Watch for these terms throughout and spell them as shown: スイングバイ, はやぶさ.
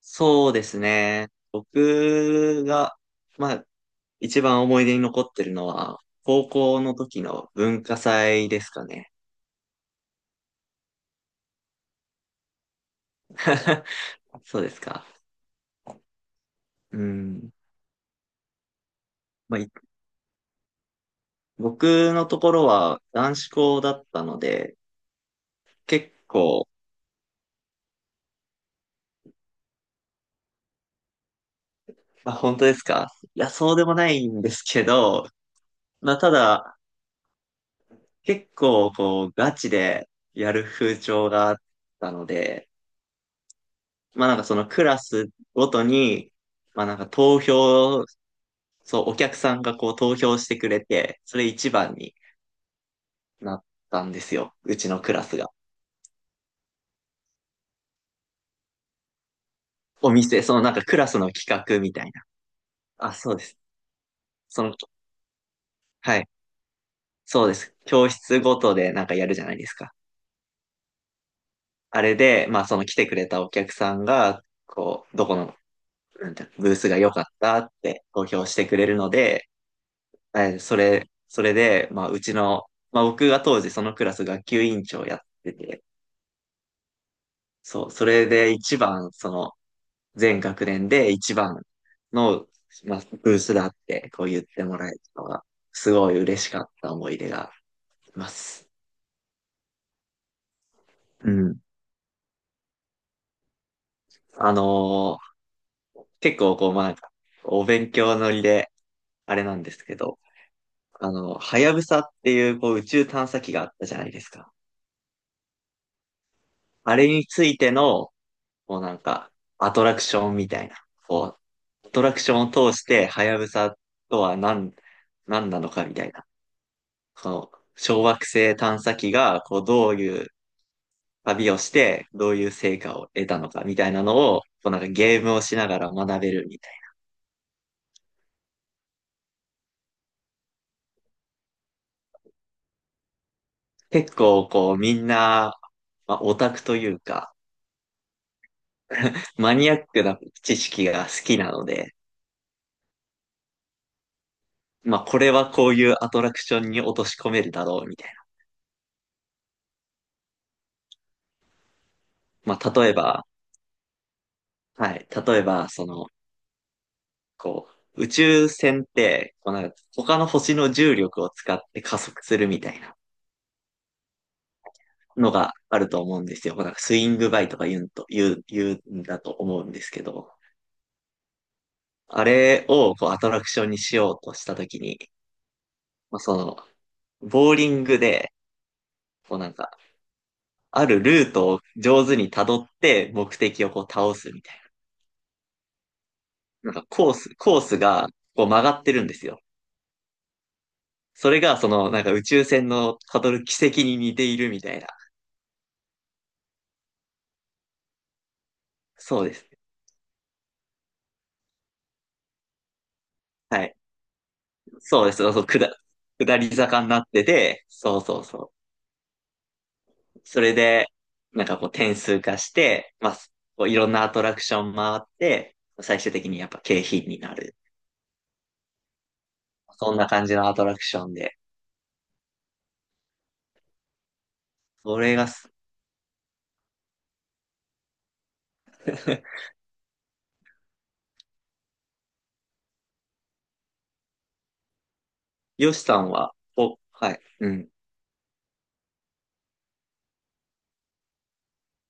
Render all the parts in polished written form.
そうですね。僕が、まあ、一番思い出に残ってるのは、高校の時の文化祭ですかね。そうですか。うん。まあ、僕のところは男子校だったので、結構、まあ、本当ですか？いや、そうでもないんですけど、まあ、ただ、結構、こう、ガチでやる風潮があったので、まあ、なんかそのクラスごとに、まあ、なんか投票、そう、お客さんがこう投票してくれて、それ一番になったんですよ。うちのクラスが。お店、そのなんかクラスの企画みたいな。あ、そうです。その、はい。そうです。教室ごとでなんかやるじゃないですか。あれで、まあその来てくれたお客さんが、こう、どこの、なんてブースが良かったって投票してくれるので、それで、まあうちの、まあ僕が当時そのクラス学級委員長やってて、そう、それで一番、その、全学年で一番の、まあ、ブースだってこう言ってもらえたのが、すごい嬉しかった思い出があります。うん。あのー結構こう、まあ、なんかお勉強乗りで、あれなんですけど、あの、はやぶさっていうこう宇宙探査機があったじゃないですか。あれについての、こうなんか、アトラクションみたいな、こう、アトラクションを通して、はやぶさとは何なのかみたいな、こう、小惑星探査機が、こう、どういう旅をして、どういう成果を得たのかみたいなのを、こう、なんかゲームをしながら学べるみたいな。結構、こう、みんな、まあ、オタクというか、マニアックな知識が好きなので、まあ、これはこういうアトラクションに落とし込めるだろうみたいな。まあ、例えば、はい、例えば、その、こう、宇宙船って、こうなんか他の星の重力を使って加速するみたいなのがあると思うんですよ。なんかスイングバイとか言うんだと思うんですけど、あれをこうアトラクションにしようとしたときに、まあ、その、ボーリングで、こうなんか、あるルートを上手に辿って目的をこう倒すみたいな。なんかコースがこう曲がってるんですよ。それがそのなんか宇宙船の辿る軌跡に似ているみたいな。そうです。はい。そうです。そう、下り坂になってて、そうそうそう。それで、なんかこう点数化して、まあ、こういろんなアトラクション回って、最終的にやっぱ景品になる。そんな感じのアトラクションで。それがす、ヨシさんは、はい、うん、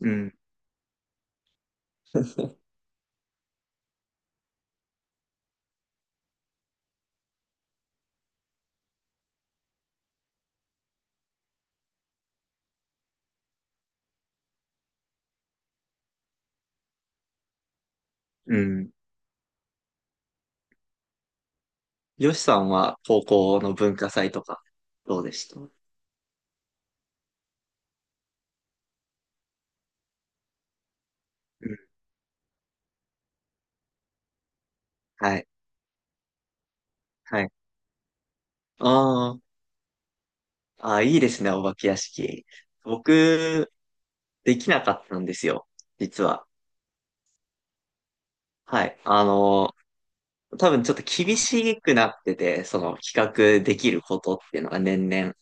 うん、うん。ヨシさんは高校の文化祭とか、どうでした？うん、はい、はい。あー、あー、いいですね、お化け屋敷。僕、できなかったんですよ、実は。はい。あの、多分ちょっと厳しくなってて、その企画できることっていうのが年々、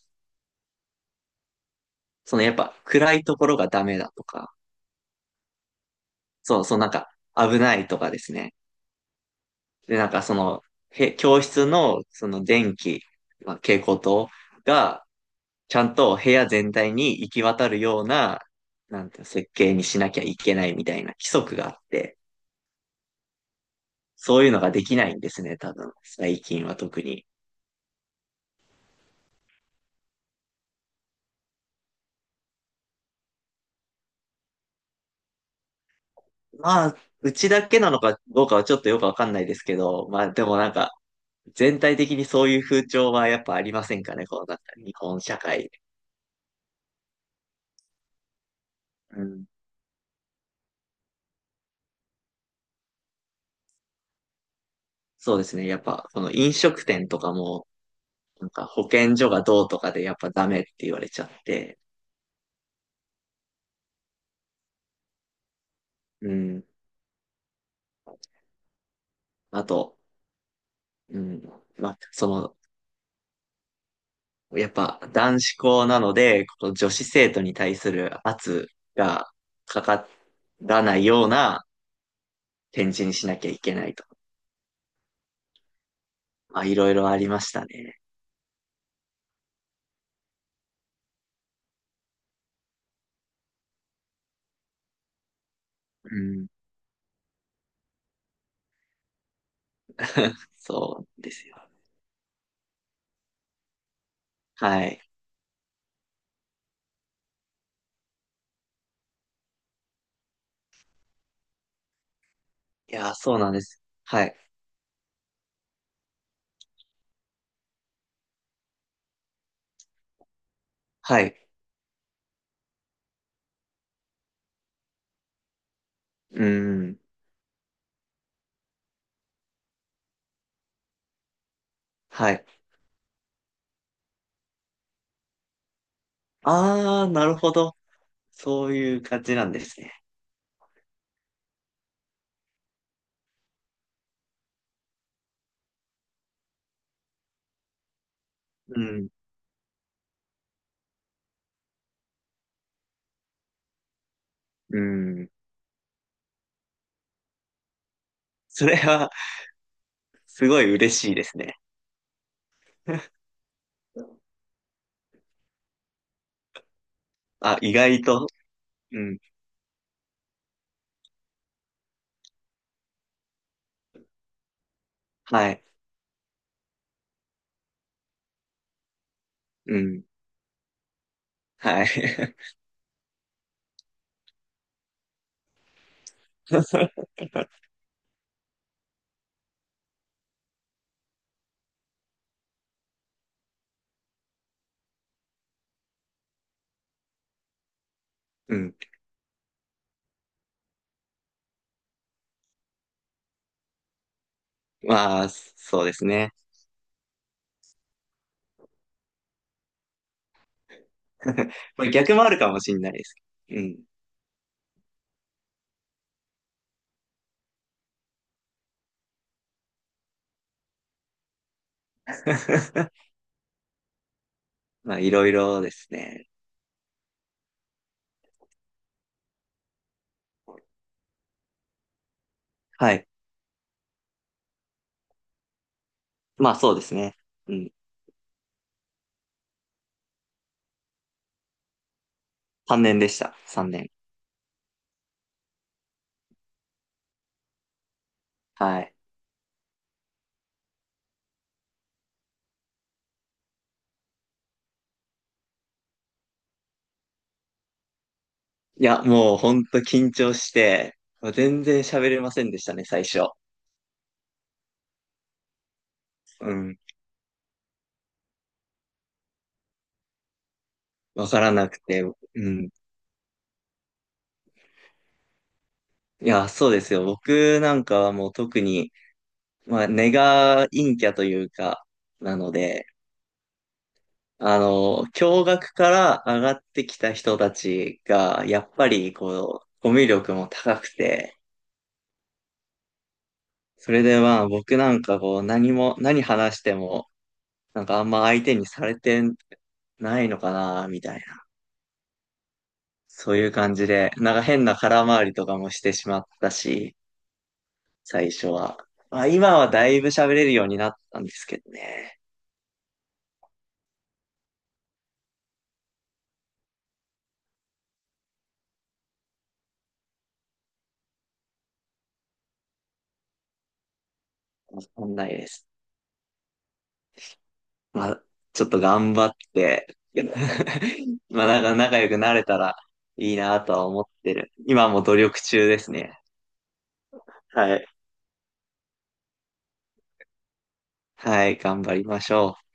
そのやっぱ暗いところがダメだとか、そう、そうなんか危ないとかですね。で、なんかその、へ教室のその電気、まあ、蛍光灯がちゃんと部屋全体に行き渡るような、なんていうの設計にしなきゃいけないみたいな規則があって、そういうのができないんですね、多分。最近は特に。まあ、うちだけなのかどうかはちょっとよくわかんないですけど、まあでもなんか、全体的にそういう風潮はやっぱありませんかね、このなんか日本社会。うん、そうですね。やっぱこの飲食店とかも、なんか保健所がどうとかでやっぱダメって言われちゃって、うん。あと、うん。まあ、その、やっぱ男子校なので、この女子生徒に対する圧がかからないような展示にしなきゃいけないと。まあ、いろいろありましたね。うん。そうですよ。はい。いや、そうなんです。はい。はい。うん。はい。ああ、なるほど。そういう感じなんですね。うん。うん。それは、すごい嬉しいですね。あ、意外と。うん。はい。うん。はい。うん。まあ、そうですね。まあ、逆もあるかもしれないです。うん。まあ、いろいろですね。はい。まあ、そうですね。うん。3年でした。3年。はい。いや、もうほんと緊張して、全然喋れませんでしたね、最初。うん。わからなくて。うん。いや、そうですよ。僕なんかはもう特に、まあ、根が陰キャというか、なので、あの、共学から上がってきた人たちが、やっぱりこう、コミュ力も高くて、それでまあ僕なんかこう、何話しても、なんかあんま相手にされてないのかな、みたいな。そういう感じで、なんか変な空回りとかもしてしまったし、最初は。まあ今はだいぶ喋れるようになったんですけどね。わかんないです。まあ、ちょっと頑張って、まあなんか仲良くなれたらいいなとは思ってる。今も努力中ですね。はい。はい、頑張りましょう。